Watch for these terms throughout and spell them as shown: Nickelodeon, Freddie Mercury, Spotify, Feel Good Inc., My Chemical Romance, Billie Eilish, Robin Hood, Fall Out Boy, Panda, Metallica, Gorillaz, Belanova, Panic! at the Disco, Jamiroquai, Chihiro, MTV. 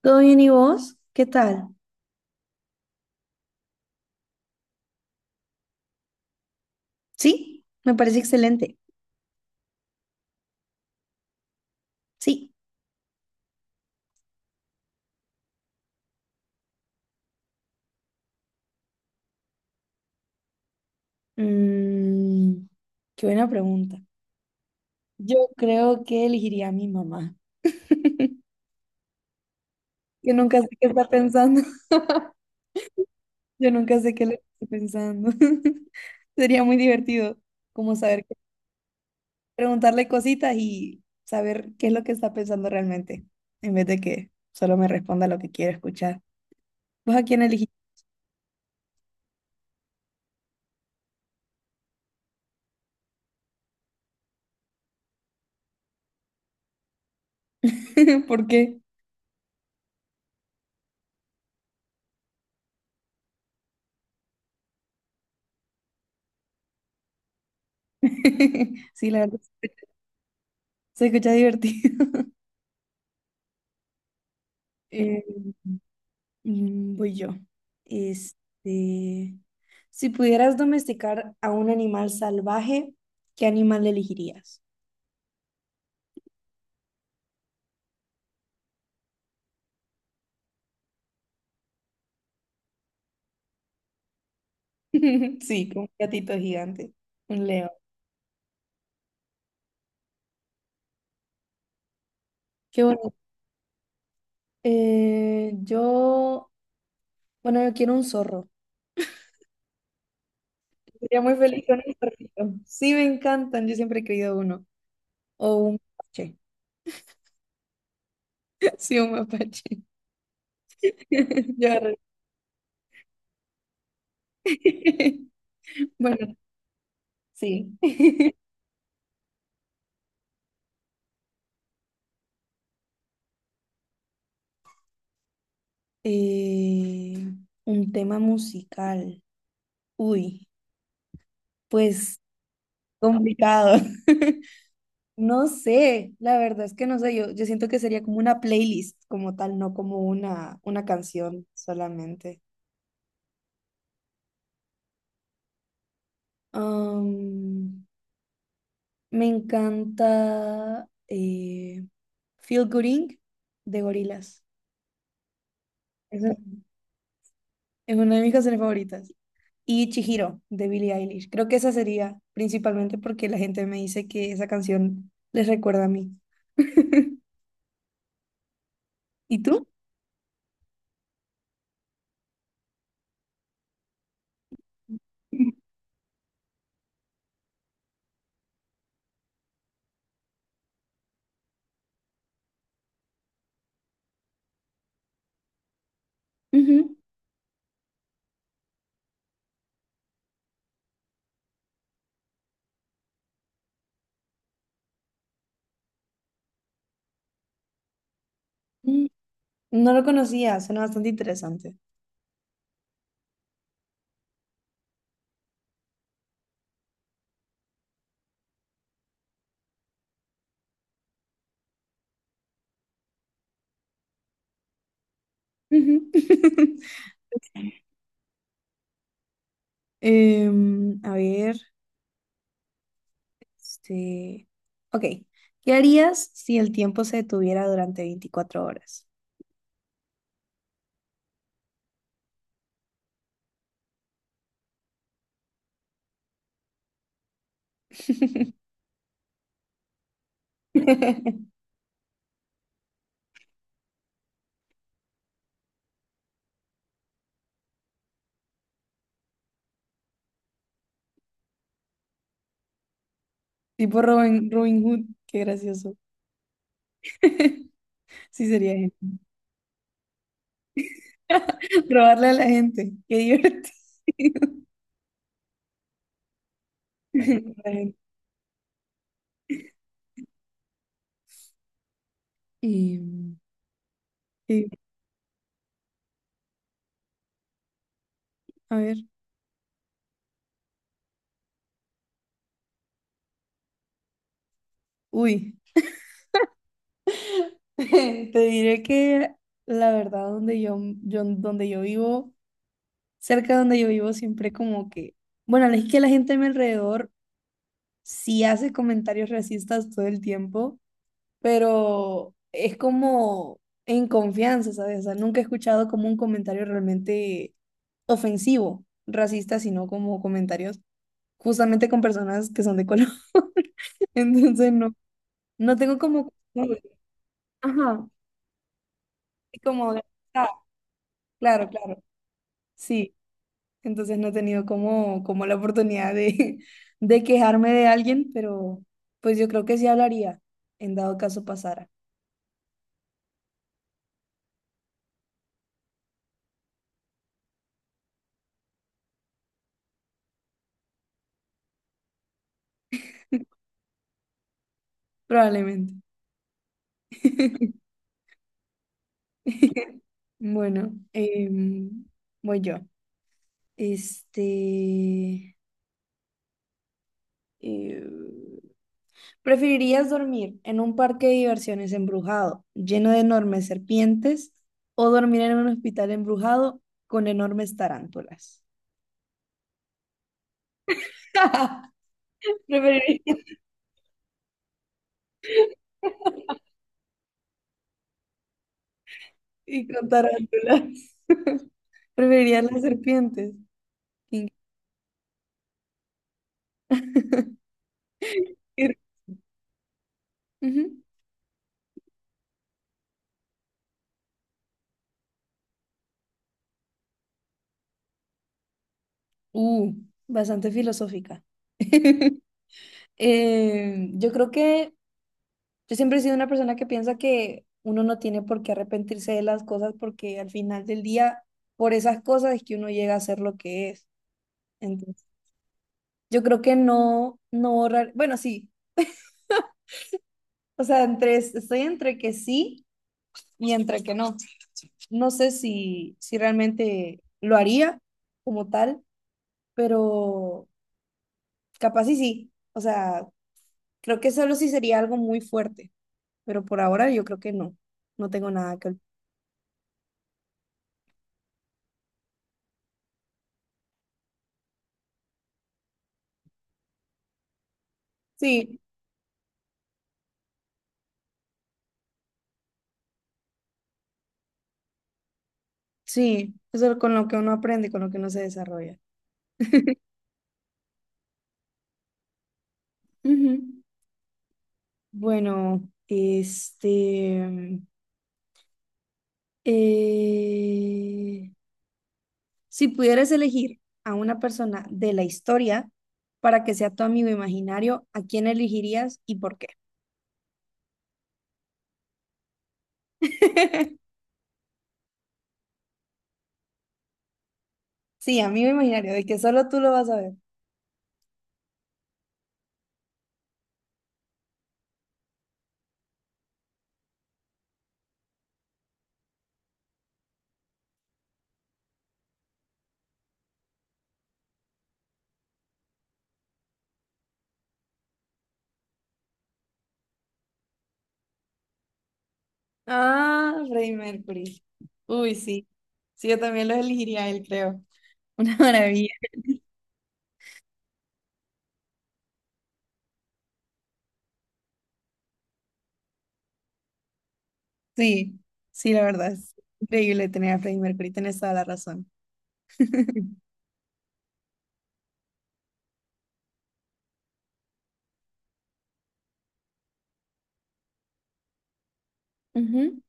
¿Todo bien y vos? ¿Qué tal? Sí, me parece excelente. Sí. Mm, qué buena pregunta. Yo creo que elegiría a mi mamá. Yo nunca sé qué está pensando. Yo nunca sé qué le estoy pensando. Sería muy divertido como saber, preguntarle cositas y saber qué es lo que está pensando realmente, en vez de que solo me responda lo que quiero escuchar. ¿Vos a quién elegís? ¿Por qué? Sí, la verdad, se escucha divertido. Eh, voy yo. Este, si pudieras domesticar a un animal salvaje, ¿qué animal elegirías? Sí, como un gatito gigante, un león. Qué bonito. Eh, yo, bueno, yo quiero un zorro. Sería muy feliz con un zorrito. Sí, me encantan. Yo siempre he querido uno. O un mapache. Sí, un mapache. Yo arre. Bueno, sí. Eh, un tema musical. Uy, pues complicado. No sé, la verdad es que no sé, yo siento que sería como una playlist como tal, no como una canción solamente. Am, me encanta Feel Good Inc. de Gorillaz. Es, un- es una de mis canciones favoritas. Y Chihiro de Billie Eilish. Creo que esa sería principalmente porque la gente me dice que esa canción les recuerda a mí. ¿Y tú? Ujú. Mm, No lo conocía, suena bastante interesante. Ujú. A ver, este... Ok, ¿qué harías si el tiempo se detuviera durante 24 horas? Tipo Robin Hood, qué gracioso. Sí sería genial. Robarle a la gente, qué divertido. Em, sí, a ver, uy. Te diré que la verdad yo donde yo vivo, cerca de donde yo vivo, siempre como que, bueno, es que la gente a mi alrededor sí hace comentarios racistas todo el tiempo, pero es como en confianza, ¿sabes? O sea, nunca he escuchado como un comentario realmente ofensivo, racista, sino como comentarios justamente con personas que son de color. Entonces no, no tengo como, costumbre. Ajá, y como, ah, claro, claro. Sí, entonces no he tenido como, la oportunidad de, de quejarme de alguien, pero pues yo creo que sí hablaría, en dado caso pasara, probablemente. Bueno, voy yo. Este, eh, ¿Preferirías dormir en un parque de diversiones embrujado, lleno de enormes serpientes, o dormir en un hospital embrujado con enormes tarántulas? Preferiría. Y con tarántulas. Preferiría las serpientes. Qué increíble. Ujú. Uh, bastante filosófica. Yo creo que yo siempre he sido una persona que piensa que uno no tiene por qué arrepentirse de las cosas porque al final del día, por esas cosas es que uno llega a ser lo que es. Entonces, yo creo que no, no borrar, bueno, sí, o sea, estoy entre que sí y entre que no. No sé si realmente lo haría como tal pero capaz y sí. O sea, creo que solo sí sería algo muy fuerte, pero por ahora yo creo que no. No tengo nada que... Sí, sí, eso es con lo que uno aprende, con lo que uno se desarrolla. Ujú. Bueno, eh, si pudieras elegir a una persona de la historia para que sea tu amigo imaginario, ¿a quién elegirías y por qué? Sí, amigo imaginario, de que solo tú lo vas a ver. Ah, Freddie Mercury. Uy, sí. Sí, yo también lo elegiría a él, creo. Una maravilla. Sí, sí, la verdad es increíble tener a Freddie Mercury. Tienes toda la razón. Ujú.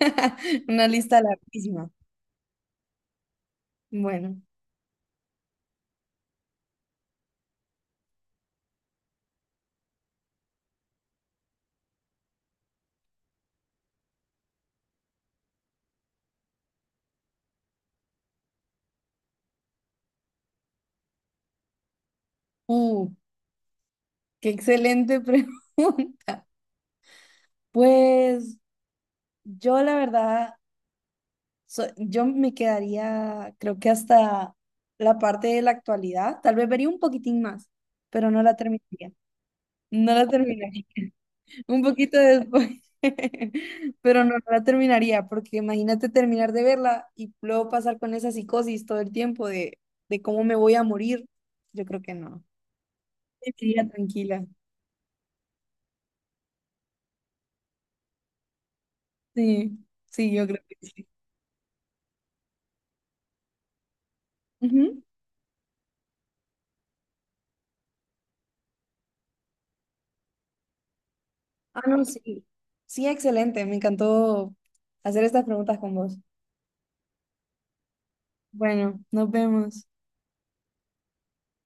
Una lista larguísima. Bueno. Uh, qué excelente pregunta. Pues yo la verdad, yo me quedaría, creo que hasta la parte de la actualidad. Tal vez vería un poquitín más, pero no la terminaría. No la terminaría. Un poquito después, pero no, no la terminaría, porque imagínate terminar de verla y luego pasar con esa psicosis todo el tiempo de cómo me voy a morir. Yo creo que no. Seguiría tranquila. Sí, sí, yo creo que sí. Ujú. Ah, no, sí. Sí, excelente. Me encantó hacer estas preguntas con vos. Bueno, nos vemos.